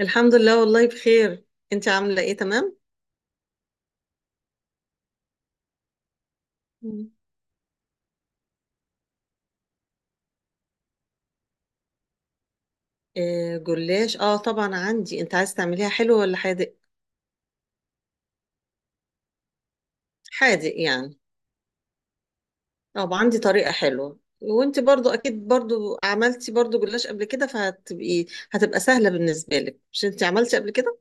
الحمد لله والله بخير. انت عامله ايه؟ تمام. مم. جلاش، طبعا عندي. انت عايز تعمليها حلوه ولا حادق؟ حادق يعني. طب عندي طريقه حلوه، وانت برضو اكيد برضو عملتي برضو جلاش قبل كده، فهتبقي هتبقى سهله بالنسبه لك. مش انت عملتي قبل كده؟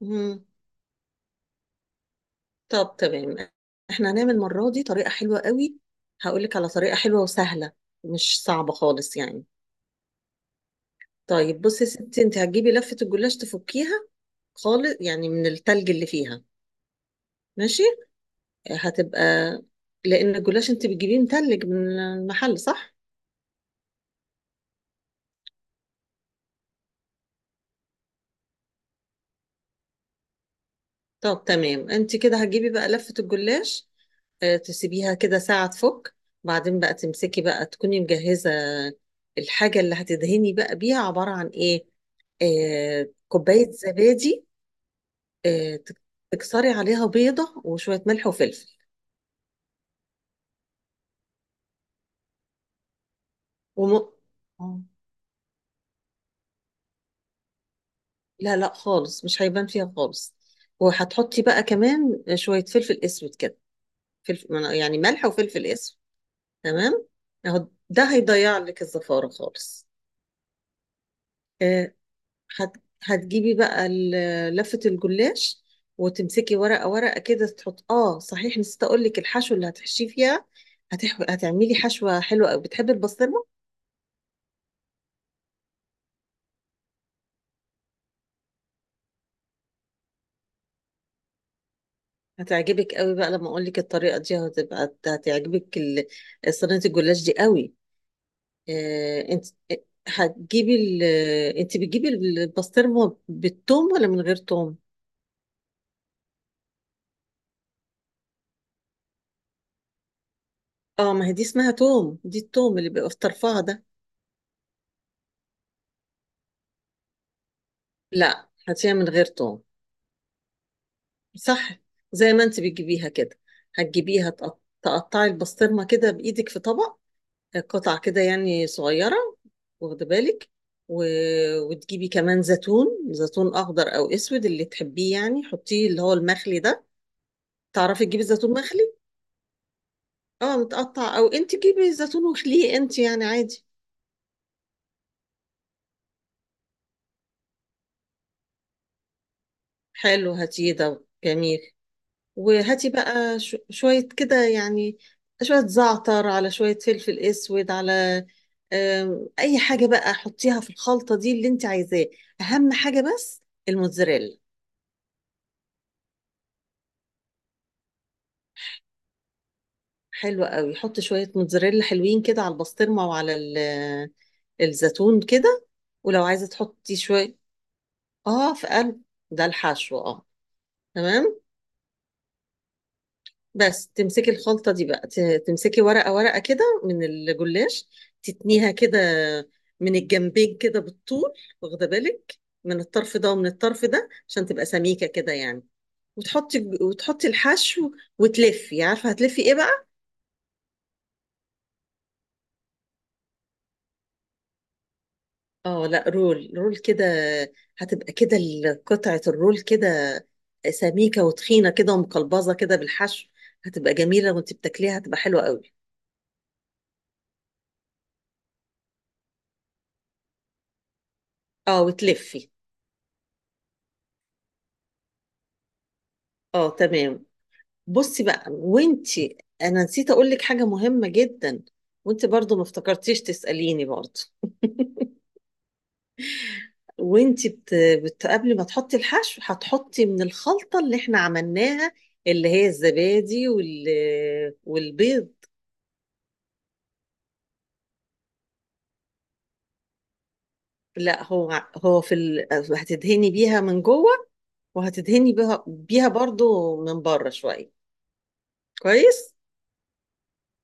مم. طب تمام. احنا هنعمل المره دي طريقه حلوه قوي. هقول لك على طريقه حلوه وسهله، مش صعبه خالص يعني. طيب بصي يا ستي، انت هتجيبي لفه الجلاش تفكيها خالص يعني من التلج اللي فيها، ماشي. هتبقى لان الجلاش انت بتجيبيه متلج من المحل، صح. طب تمام. انت كده هتجيبي بقى لفة الجلاش، تسيبيها كده ساعة تفك، بعدين بقى تمسكي بقى تكوني مجهزة. الحاجة اللي هتدهني بقى بيها عبارة عن ايه؟ كوباية زبادي، آه، تك- تكسري عليها بيضة وشوية ملح وفلفل. وم... آه. لا لا خالص، مش هيبان فيها خالص. وهتحطي بقى كمان شوية فلفل اسود كده. فلفل يعني، ملح وفلفل اسود. تمام. اهو ده هيضيع لك الزفارة خالص. آه، هتجيبي بقى لفة الجلاش وتمسكي ورقة ورقة كده، تحط، اه صحيح نسيت اقول لك الحشو اللي هتحشيه فيها. هتعملي حشوة حلوة قوي. بتحبي البسطرمة؟ هتعجبك قوي بقى لما اقول لك الطريقة دي، هتبقى هتعجبك صينية الجلاش دي قوي. انت هتجيبي انت بتجيبي البسطرمة بالثوم ولا من غير ثوم؟ اه ما هي دي اسمها توم، دي التوم اللي بيبقى في طرفها ده. لا، حتسويها من غير توم، صح، زي ما انت بتجيبيها كده. هتجيبيها تقطعي البسطرمة كده بإيدك في طبق، قطع كده يعني صغيرة، واخدة بالك. و... وتجيبي كمان زيتون، زيتون أخضر أو أسود اللي تحبيه يعني، حطيه اللي هو المخلي ده. تعرفي تجيبي زيتون مخلي. اه متقطع، أو انت جيبي زيتون وخليه انت يعني عادي. حلو، هاتيه ده جميل. وهاتي بقى شوية كده يعني، شوية زعتر، على شوية فلفل أسود، على أي حاجة بقى حطيها في الخلطة دي اللي أنت عايزاه. أهم حاجة بس الموتزاريلا. حلوة قوي، حط شوية موتزاريلا حلوين كده على البسطرمة وعلى الزيتون كده. ولو عايزة تحطي شوية، آه في قلب. ده الحشو، آه تمام. بس تمسكي الخلطة دي بقى، تمسكي ورقة ورقة كده من الجلاش، تتنيها كده من الجنبين كده بالطول، واخدة بالك، من الطرف ده ومن الطرف ده عشان تبقى سميكة كده يعني. وتحطي وتحطي الحشو. وتلفي. عارفة هتلفي ايه بقى؟ اه لا، رول رول كده. هتبقى كده قطعة الرول كده سميكة وتخينة كده ومقلبظة كده بالحشو. هتبقى جميلة، وانت بتاكليها هتبقى حلوة قوي. اه وتلفي. اه تمام. بصي بقى، وانتي انا نسيت اقول لك حاجه مهمه جدا، وانتي برضو ما افتكرتيش تساليني برضو. وانتي بت... قبل ما تحطي الحشو، هتحطي من الخلطه اللي احنا عملناها، اللي هي الزبادي والبيض. لا، هو هو في هتدهني بيها من جوه، وهتدهني بيها برضو من بره شويه، كويس.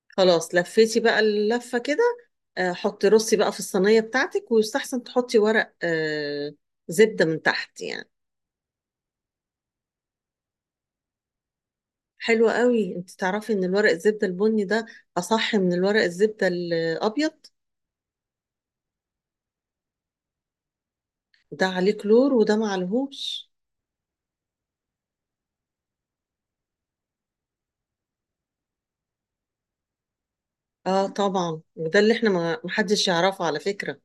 خلاص لفيتي بقى اللفة كده، حطي رصي بقى في الصينية بتاعتك، ويستحسن تحطي ورق زبدة من تحت يعني. حلو قوي. انت تعرفي ان الورق الزبدة البني ده اصح من الورق الزبدة الابيض؟ ده عليه كلور وده معلهوش. اه طبعا، وده اللي احنا ما محدش يعرفه على فكرة.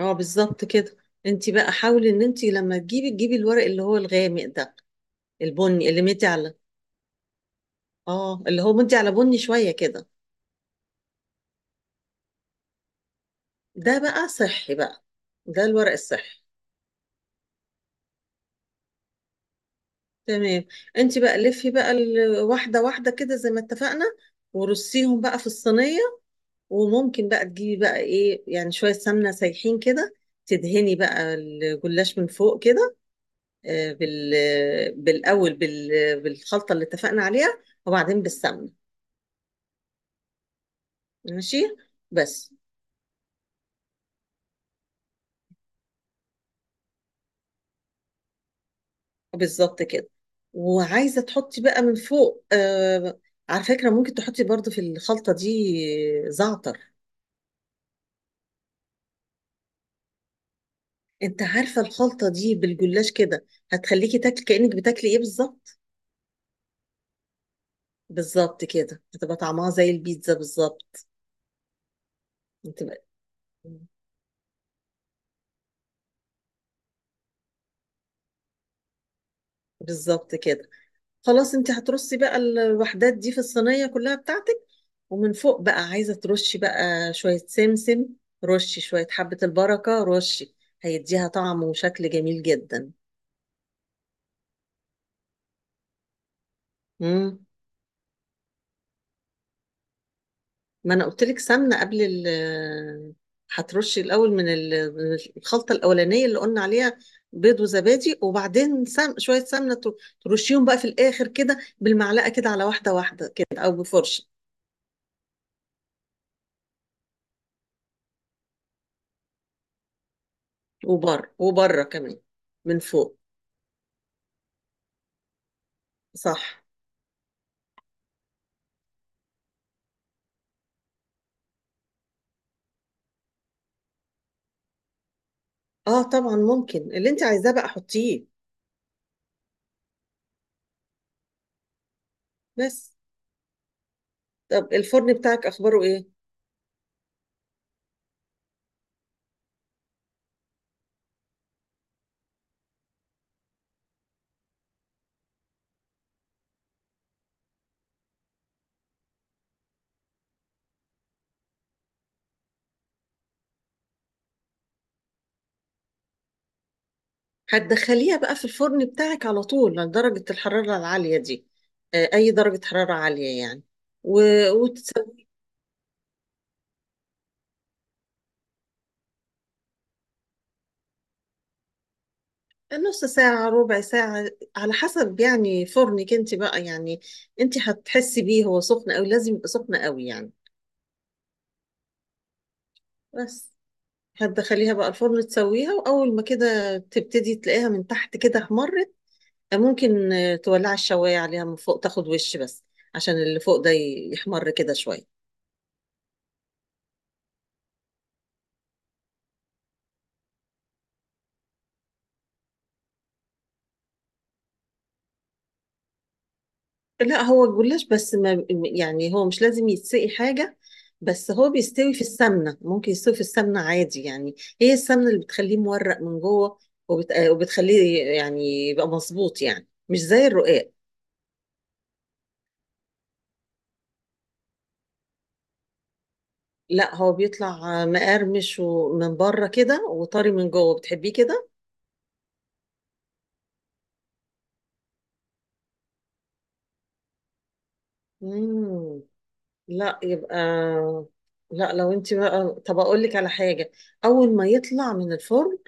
اه بالظبط كده. انت بقى حاولي ان انت لما تجيبي، تجيبي الورق اللي هو الغامق ده، البني اللي مدي على، اه اللي هو مدي على بني شوية كده. ده بقى صحي بقى، ده الورق الصحي. تمام. انت بقى لفي بقى واحده واحده كده زي ما اتفقنا، ورصيهم بقى في الصينيه. وممكن بقى تجيبي بقى ايه يعني، شويه سمنه سايحين كده، تدهني بقى الجلاش من فوق كده، آه، بال بالاول بالخلطه اللي اتفقنا عليها، وبعدين بالسمنه. ماشي بس. بالظبط كده. وعايزه تحطي بقى من فوق، على فكره ممكن تحطي برضو في الخلطه دي زعتر. انت عارفة الخلطة دي بالجلاش كده هتخليكي تاكلي كأنك بتاكلي ايه بالظبط؟ بالظبط كده، هتبقى طعمها زي البيتزا بالظبط. هتبقى بالظبط كده. خلاص، انت هترصي بقى الوحدات دي في الصينية كلها بتاعتك. ومن فوق بقى عايزة ترشي بقى شوية سمسم، رشي شوية حبة البركة، رشي. هيديها طعم وشكل جميل جدا. مم. ما انا قلت لك سمنه، قبل ال... هترشي الاول من من الخلطه الاولانيه اللي قلنا عليها، بيض وزبادي، وبعدين شويه سمنه، ترشيهم بقى في الاخر كده بالمعلقه كده على واحده واحده كده، او بفرشه. وبره وبره كمان من فوق، صح. اه طبعا، ممكن اللي انت عايزاه بقى حطيه. بس، طب الفرن بتاعك اخباره ايه؟ هتدخليها بقى في الفرن بتاعك على طول لدرجه الحراره العاليه دي؟ اي درجه حراره عاليه يعني. نص ساعة، ربع ساعة، على حسب يعني فرنك انت بقى يعني، انت هتحسي بيه هو سخن قوي، لازم يبقى سخن قوي يعني. بس هتدخليها بقى الفرن تسويها، وأول ما كده تبتدي تلاقيها من تحت كده احمرت، ممكن تولعي الشواية عليها من فوق تاخد وش بس، عشان اللي فوق ده يحمر كده شوية. لا، هو الجلاش بس ما يعني هو مش لازم يتسقي حاجة. بس هو بيستوي في السمنة، ممكن يستوي في السمنة عادي يعني. هي السمنة اللي بتخليه مورق من جوه، وبتخليه يعني يبقى مظبوط يعني مش زي الرقاق. لا، هو بيطلع مقرمش ومن بره كده وطري من جوه. بتحبيه كده. مم. لا يبقى، لا لو انت بقى، طب اقول لك على حاجة. اول ما يطلع من الفرن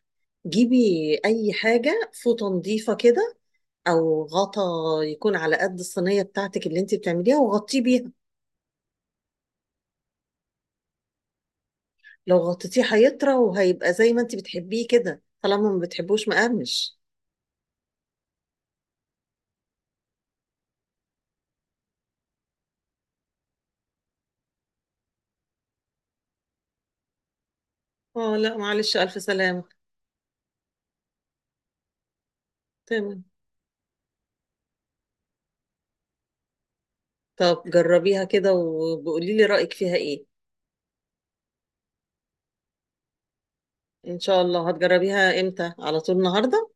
جيبي اي حاجة، فوطة نظيفة كده او غطا يكون على قد الصينيه بتاعتك اللي انت بتعمليها، وغطيه بيها. لو غطيتيه هيطرى، وهيبقى زي ما انت بتحبيه كده طالما ما بتحبوش مقرمش. اه لا معلش، الف سلامه. تمام. طب جربيها كده، وبقولي لي رايك فيها ايه. ان شاء الله. هتجربيها امتى؟ على طول النهارده.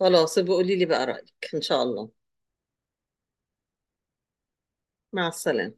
خلاص، بقولي لي بقى رايك ان شاء الله. مع السلامه.